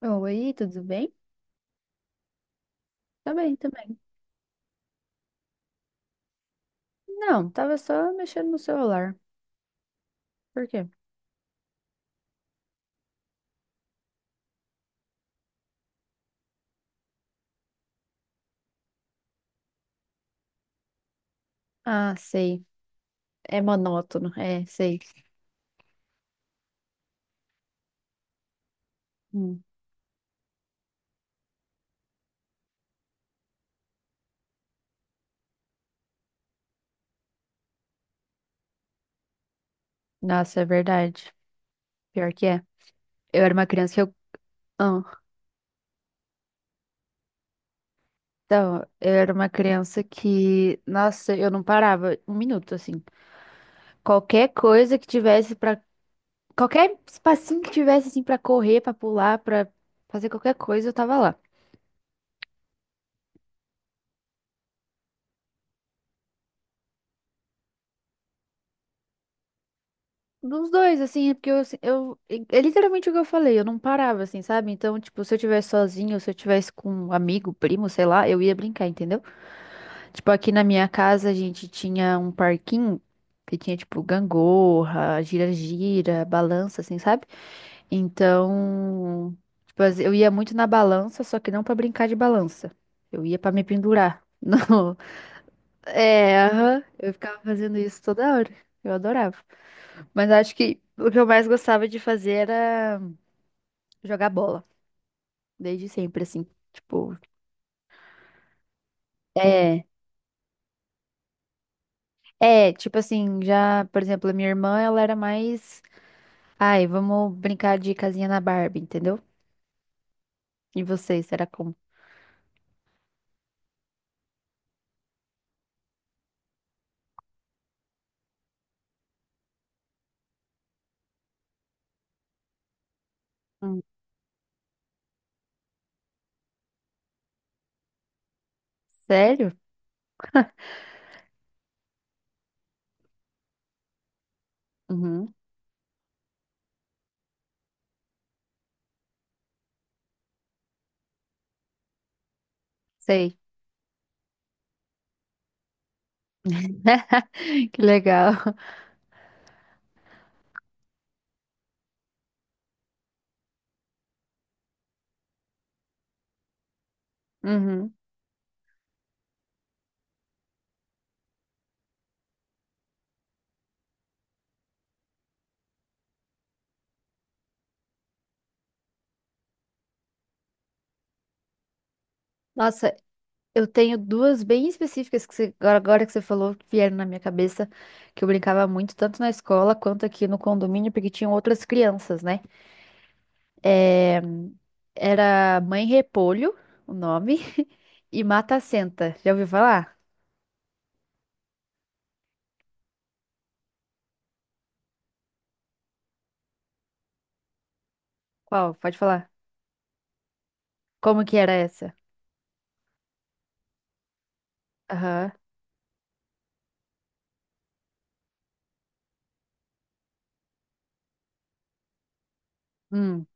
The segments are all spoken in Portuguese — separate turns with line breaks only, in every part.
Oi, tudo bem? Tá bem, também. Não, tava só mexendo no celular. Por quê? Ah, sei. É monótono. É, sei. Hum. Nossa, é verdade. Pior que é. Eu era uma criança que eu. Ah, então, eu era uma criança que. Nossa, eu não parava um minuto, assim. Qualquer coisa que tivesse pra. Qualquer espacinho que tivesse, assim, pra correr, pra pular, pra fazer qualquer coisa, eu tava lá. Dos dois, assim, é porque eu, assim, eu, é literalmente o que eu falei, eu não parava, assim, sabe? Então, tipo, se eu tivesse sozinho, se eu tivesse com um amigo, primo, sei lá, eu ia brincar, entendeu? Tipo, aqui na minha casa a gente tinha um parquinho que tinha, tipo, gangorra, gira-gira, balança, assim, sabe? Então, tipo, eu ia muito na balança, só que não pra brincar de balança. Eu ia pra me pendurar no, é, aham. Eu ficava fazendo isso toda hora. Eu adorava. Mas acho que o que eu mais gostava de fazer era jogar bola. Desde sempre, assim. Tipo, é. É, tipo assim, já, por exemplo, a minha irmã, ela era mais. Ai, vamos brincar de casinha na Barbie, entendeu? E vocês, era como? Hum. Sério? Uhum. Sei. Que legal. Uhum. Nossa, eu tenho duas bem específicas que agora que você falou que vieram na minha cabeça, que eu brincava muito, tanto na escola quanto aqui no condomínio, porque tinham outras crianças, né? É, era Mãe Repolho, o nome, e Mata Senta. Já ouviu falar? Qual? Pode falar. Como que era essa? Aham. Hum.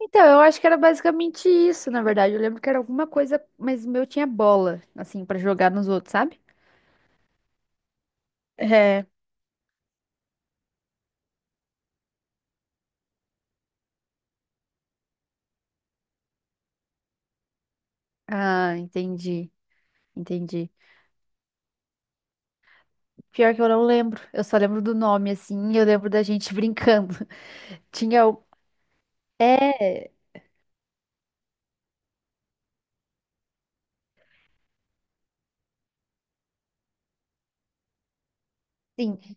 Então, eu acho que era basicamente isso, na verdade. Eu lembro que era alguma coisa, mas o meu tinha bola, assim, pra jogar nos outros, sabe? É. Ah, entendi. Entendi. Pior que eu não lembro. Eu só lembro do nome, assim. Eu lembro da gente brincando. Tinha o. É, sim.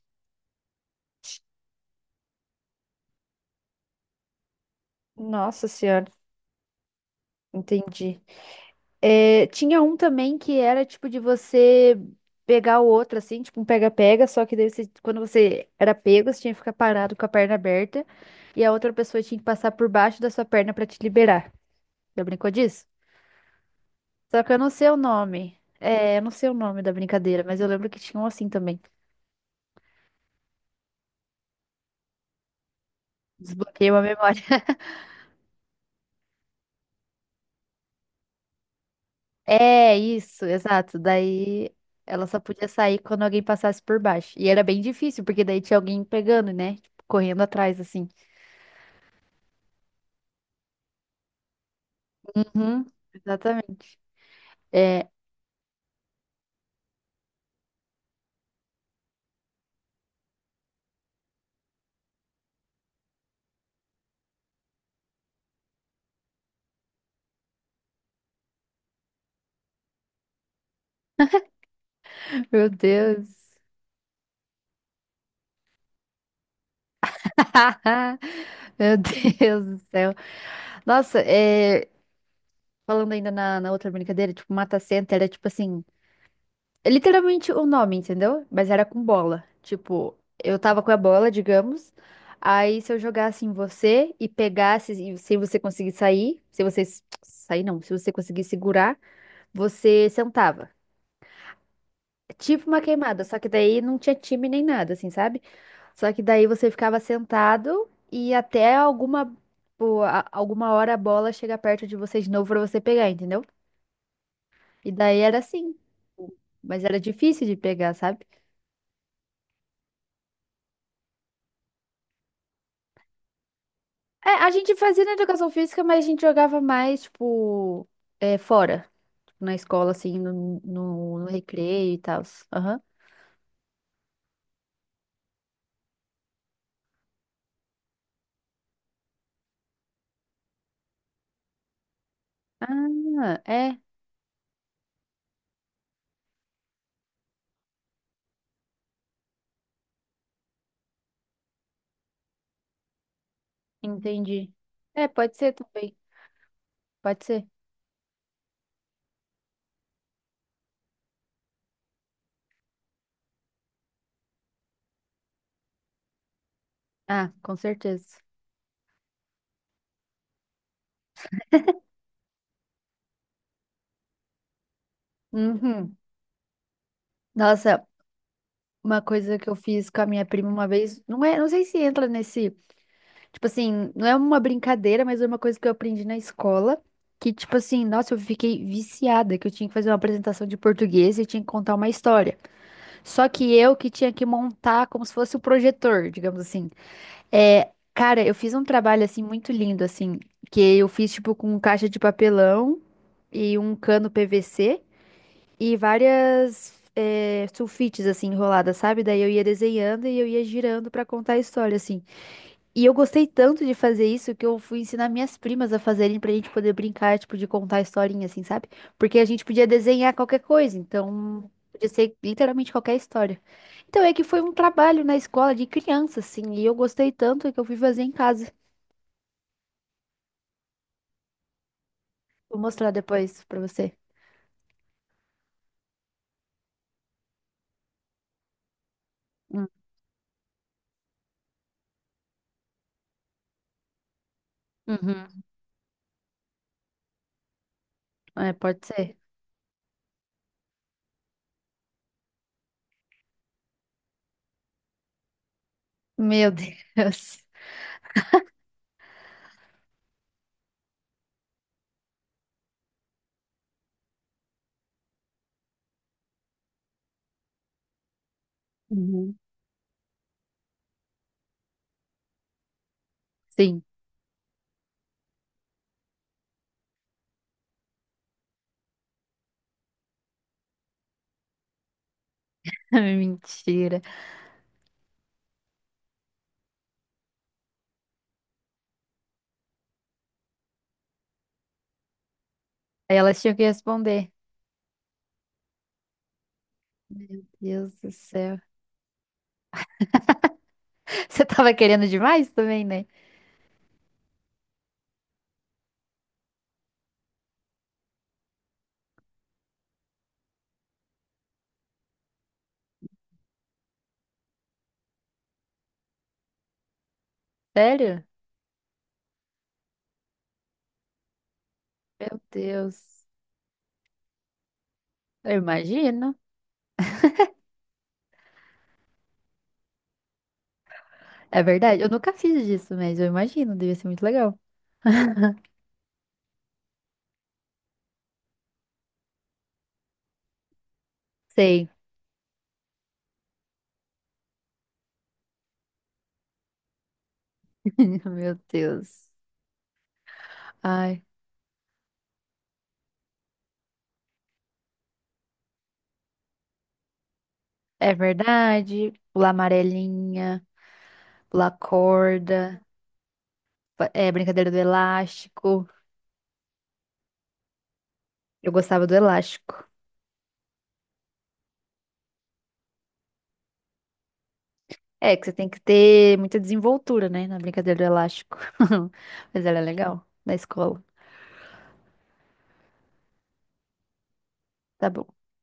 Nossa Senhora, entendi. É, tinha um também que era tipo de você pegar o outro, assim, tipo um pega-pega, só que daí quando você era pego, você tinha que ficar parado com a perna aberta e a outra pessoa tinha que passar por baixo da sua perna pra te liberar. Já brincou disso? Só que eu não sei o nome. É, eu não sei o nome da brincadeira, mas eu lembro que tinha um assim também. Desbloqueei uma memória. É, isso, exato. Daí ela só podia sair quando alguém passasse por baixo. E era bem difícil, porque daí tinha alguém pegando, né? Tipo, correndo atrás, assim. Uhum, exatamente. É, meu Deus. Meu Deus do céu. Nossa, é, falando ainda na outra brincadeira, tipo, mata-senta, era tipo assim. É literalmente o nome, entendeu? Mas era com bola. Tipo, eu tava com a bola, digamos. Aí se eu jogasse em você e pegasse, e se você conseguir sair, se você sair não, se você conseguir segurar, você sentava. É tipo uma queimada, só que daí não tinha time nem nada, assim, sabe? Só que daí você ficava sentado e até alguma, pô, alguma hora a bola chega perto de você de novo pra você pegar, entendeu? E daí era assim. Mas era difícil de pegar, sabe? É, a gente fazia na educação física, mas a gente jogava mais, tipo, é, fora, tipo, na escola, assim, no recreio e tal. Aham. Ah, é, entendi. É, pode ser também. Pode ser. Ah, com certeza. Uhum. Nossa, uma coisa que eu fiz com a minha prima uma vez, não é, não sei se entra nesse, tipo assim, não é uma brincadeira, mas é uma coisa que eu aprendi na escola, que tipo assim, nossa, eu fiquei viciada, que eu tinha que fazer uma apresentação de português e tinha que contar uma história. Só que eu que tinha que montar como se fosse o projetor, digamos assim. É, cara, eu fiz um trabalho assim muito lindo, assim, que eu fiz tipo com caixa de papelão e um cano PVC e várias é, sulfites assim enroladas, sabe? Daí eu ia desenhando e eu ia girando pra contar a história, assim. E eu gostei tanto de fazer isso que eu fui ensinar minhas primas a fazerem pra gente poder brincar, tipo, de contar a historinha, assim, sabe? Porque a gente podia desenhar qualquer coisa, então podia ser literalmente qualquer história. Então é que foi um trabalho na escola de criança, assim, e eu gostei tanto que eu fui fazer em casa. Vou mostrar depois pra você. Hum, Uhum. É, pode ser. Meu Deus. Uhum. Sim. Mentira. Aí elas tinham que responder. Meu Deus do céu. Você tava querendo demais também, né? Sério? Meu Deus. Eu imagino. É verdade. Eu nunca fiz disso, mas eu imagino. Devia ser muito legal. Sei. Meu Deus. Ai. É verdade. Pular amarelinha, pular corda, é brincadeira do elástico. Eu gostava do elástico. É que você tem que ter muita desenvoltura, né, na brincadeira do elástico. Mas ela é legal na escola. Tá bom.